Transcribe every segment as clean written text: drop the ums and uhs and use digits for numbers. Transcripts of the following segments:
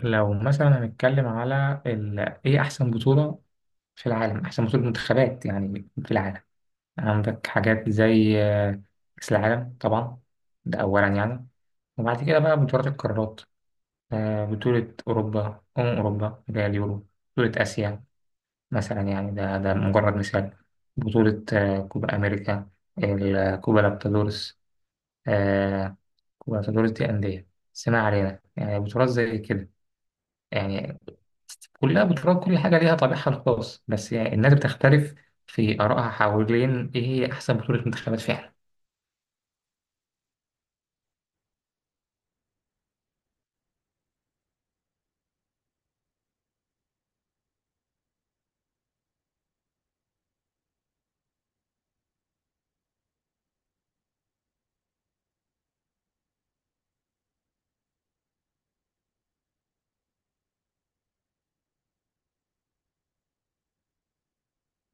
لو مثلا هنتكلم على ايه احسن بطولة في العالم، احسن بطولة منتخبات يعني في العالم. عندك حاجات زي كأس العالم طبعا، ده اولا يعني. وبعد كده بقى بطولات القارات، بطولة اوروبا اوروبا اللي هي اليورو، بطولة اسيا مثلا يعني. ده مجرد مثال، بطولة كوبا امريكا، كوبا لابتادورس، آه، كوبا لابتادورس دي اندية. بس ما علينا، يعني بطولات زي كده يعني كلها بتراعي كل حاجة، ليها طابعها الخاص. بس يعني الناس بتختلف في آرائها حوالين إيه هي أحسن بطولة منتخبات فعلا.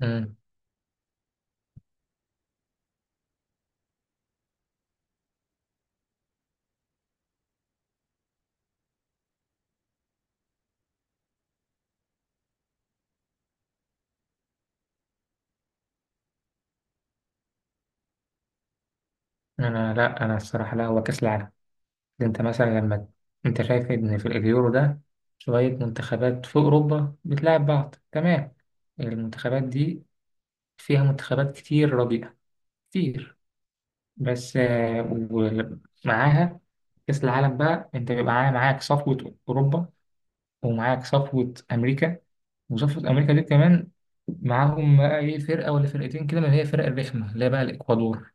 امم، أنا الصراحة لا، هو كأس العالم. أنت مثلا لما أنت شايف إن في اليورو ده شوية منتخبات في أوروبا بتلعب بعض، تمام. المنتخبات دي فيها منتخبات كتير رديئة، كتير. بس ومعاها كأس العالم بقى، أنت بيبقى معاك صفوة أوروبا ومعاك صفوة أمريكا، وصفة أمريكا دي كمان معاهم بقى إيه، فرقة ولا فرقتين كده من اللي هي فرق الرخمة اللي هي بقى الإكوادور،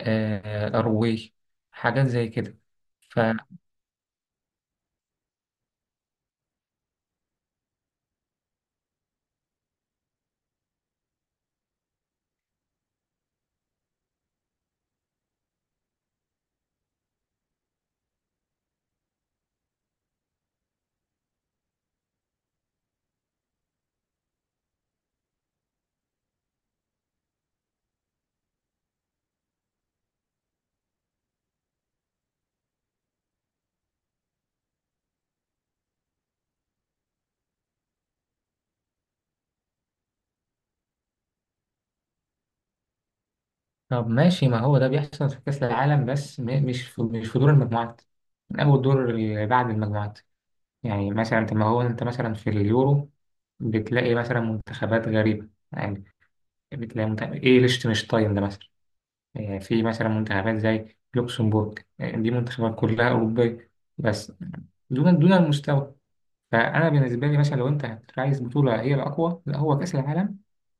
آه الأروجواي، حاجات زي كده. ف طب ماشي، ما هو ده بيحصل في كأس العالم، بس مش في دور المجموعات، من أول دور اللي بعد المجموعات. يعني مثلا طب ما هو أنت مثلا في اليورو بتلاقي مثلا منتخبات غريبة يعني، بتلاقي منتخب إيه ليشتنشتاين ده مثلا، في مثلا منتخبات زي لوكسمبورج، دي منتخبات كلها أوروبية بس دون المستوى. فأنا بالنسبة لي مثلا لو أنت عايز بطولة هي الأقوى، لا هو كأس العالم.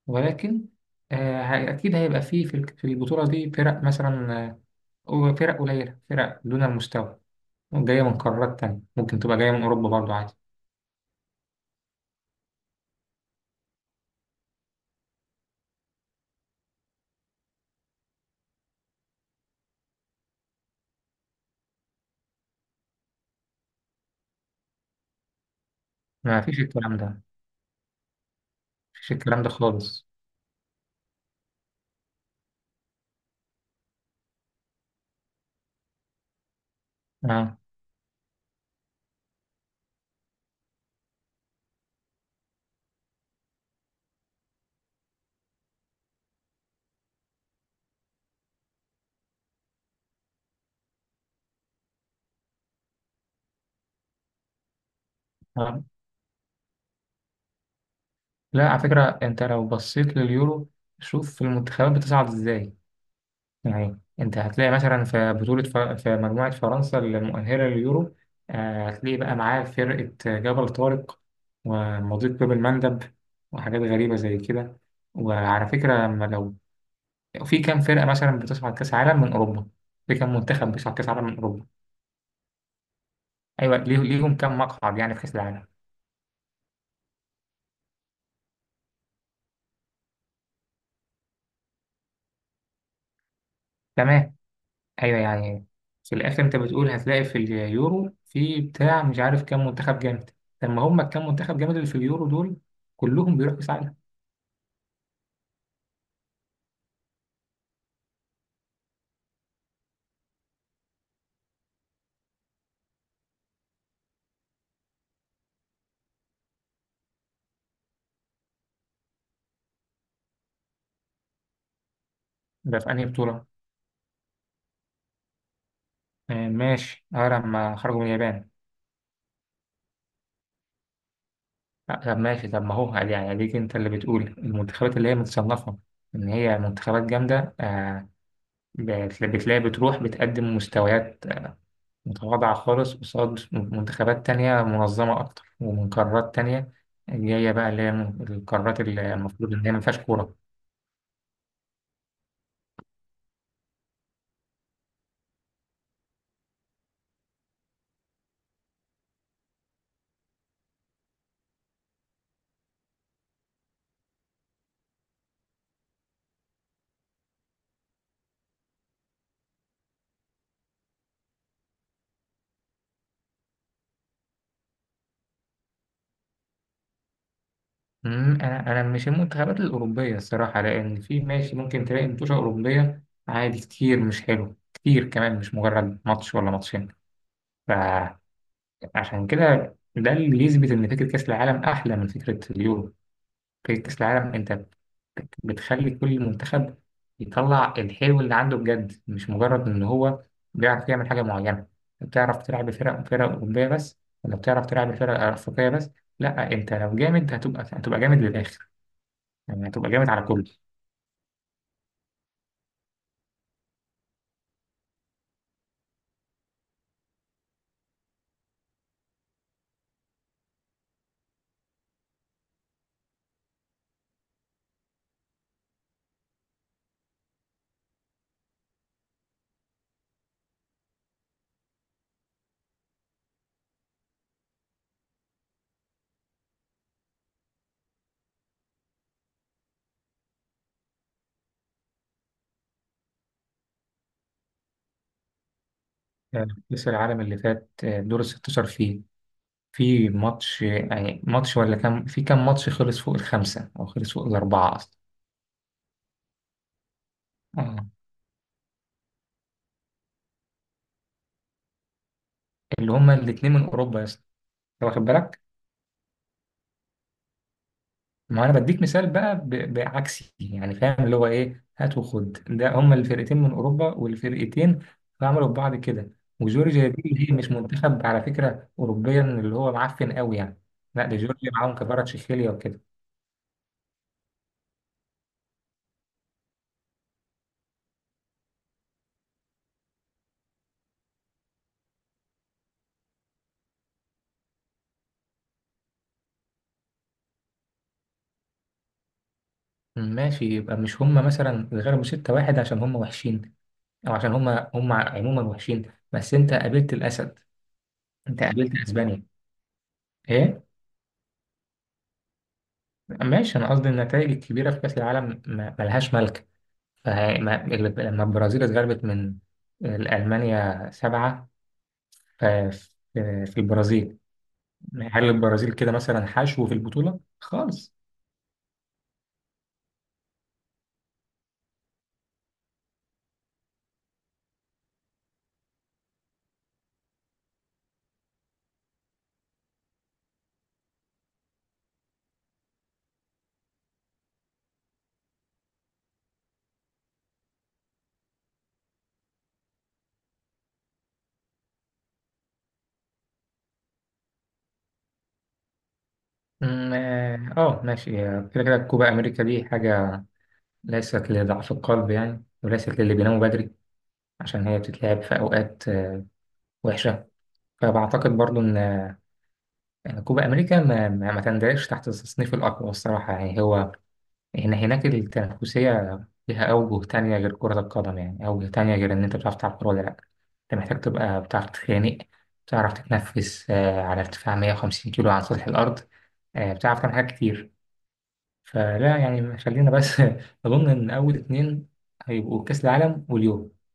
ولكن أكيد هيبقى فيه في في البطولة دي فرق مثلا، أو فرق قليلة، فرق دون المستوى جاية من قارات تانية، ممكن تبقى جاية من أوروبا برضو عادي. ما فيش الكلام ده خالص. آه. آه. لا على فكرة، أنت لو بصيت لليورو شوف المنتخبات بتصعد إزاي. يعني انت هتلاقي مثلا في بطولة في مجموعة فرنسا المؤهلة لليورو، هتلاقي بقى معاه فرقة جبل طارق ومضيق باب المندب وحاجات غريبة زي كده. وعلى فكرة، لما لو في كام فرقة مثلا بتصعد كأس عالم من أوروبا، في كام منتخب بيصعد كأس عالم من أوروبا؟ أيوة، ليهم كام مقعد يعني في كأس العالم؟ تمام. أيوة يعني في الآخر أنت بتقول هتلاقي في اليورو في بتاع مش عارف كام منتخب جامد. طب ما هم الكام منتخب جامد اللي في اليورو دول كلهم بيروحوا كأس عالم. ده في أنهي بطولة؟ آه ماشي، اه لما خرجوا من اليابان. آه طب ماشي، طب ما هو قال يعني عليك، انت اللي بتقول المنتخبات اللي هي متصنفة إن هي منتخبات جامدة، آه بتلاقي بتروح بتقدم مستويات متواضعة خالص قصاد منتخبات تانية منظمة أكتر ومن قارات تانية جاية بقى، اللي هي من القارات اللي المفروض إن هي ما فيهاش كورة. أمم، أنا مش المنتخبات الأوروبية الصراحة، لأن في ماشي ممكن تلاقي متوشة أوروبية عادي كتير مش حلو، كتير كمان مش مجرد ماتش ولا ماتشين. فعشان كده ده اللي يثبت إن فكرة كأس العالم أحلى من فكرة اليورو. فكرة كأس العالم أنت بتخلي كل منتخب يطلع الحلو اللي عنده بجد، مش مجرد إن هو بيعرف يعمل حاجة معينة، بتعرف تلعب بفرق أوروبية بس، ولا بتعرف تلعب بفرق أفريقية بس. لا، أنت لو جامد هتبقى جامد للآخر، يعني هتبقى جامد على كله. كأس العالم اللي فات دور ال 16 فيه في ماتش، يعني ماتش ولا كام، في كام ماتش خلص فوق الخمسة أو خلص فوق الأربعة أصلا؟ اه، اللي هما الاتنين من اوروبا يا اسطى، أنت واخد بالك؟ ما انا بديك مثال بقى، بعكسي يعني. فاهم اللي هو ايه هات وخد، ده هما الفرقتين من اوروبا والفرقتين عملوا ببعض كده. وجورجيا دي اللي هي مش منتخب على فكره اوروبيا اللي هو معفن قوي يعني، لا ده جورجيا معاهم كفاراتشيخيليا وكده. ماشي، يبقى مش هما مثلا اتغلبوا 6 واحد عشان هما وحشين او عشان هما هما عموما وحشين، بس انت قابلت الاسد، انت قابلت اسبانيا. ايه ماشي، انا قصدي النتائج الكبيره في كاس العالم ملهاش ملك. فه- ما- لما البرازيل اتغلبت من المانيا سبعه ف- في في البرازيل، هل البرازيل كده مثلا حشو في البطوله خالص؟ أمم، اه ماشي. كده كده كوبا امريكا دي حاجه ليست لضعف القلب يعني، وليست للي بيناموا بدري، عشان هي بتتلعب في اوقات وحشه. فبعتقد برضو ان إن كوبا امريكا ما تندرجش تحت التصنيف الاقوى الصراحه يعني. هو هنا هناك التنافسية ليها أوجه تانية غير كرة القدم، يعني أوجه تانية غير إن أنت بتعرف تلعب كورة ولا لأ. أنت محتاج تبقى بتعرف تتخانق، بتعرف تتنفس على ارتفاع 150 كيلو عن سطح الأرض، بتعرف تعمل حاجات كتير. فلا يعني خلينا بس أظن إن أول اتنين هيبقوا كأس العالم واليورو.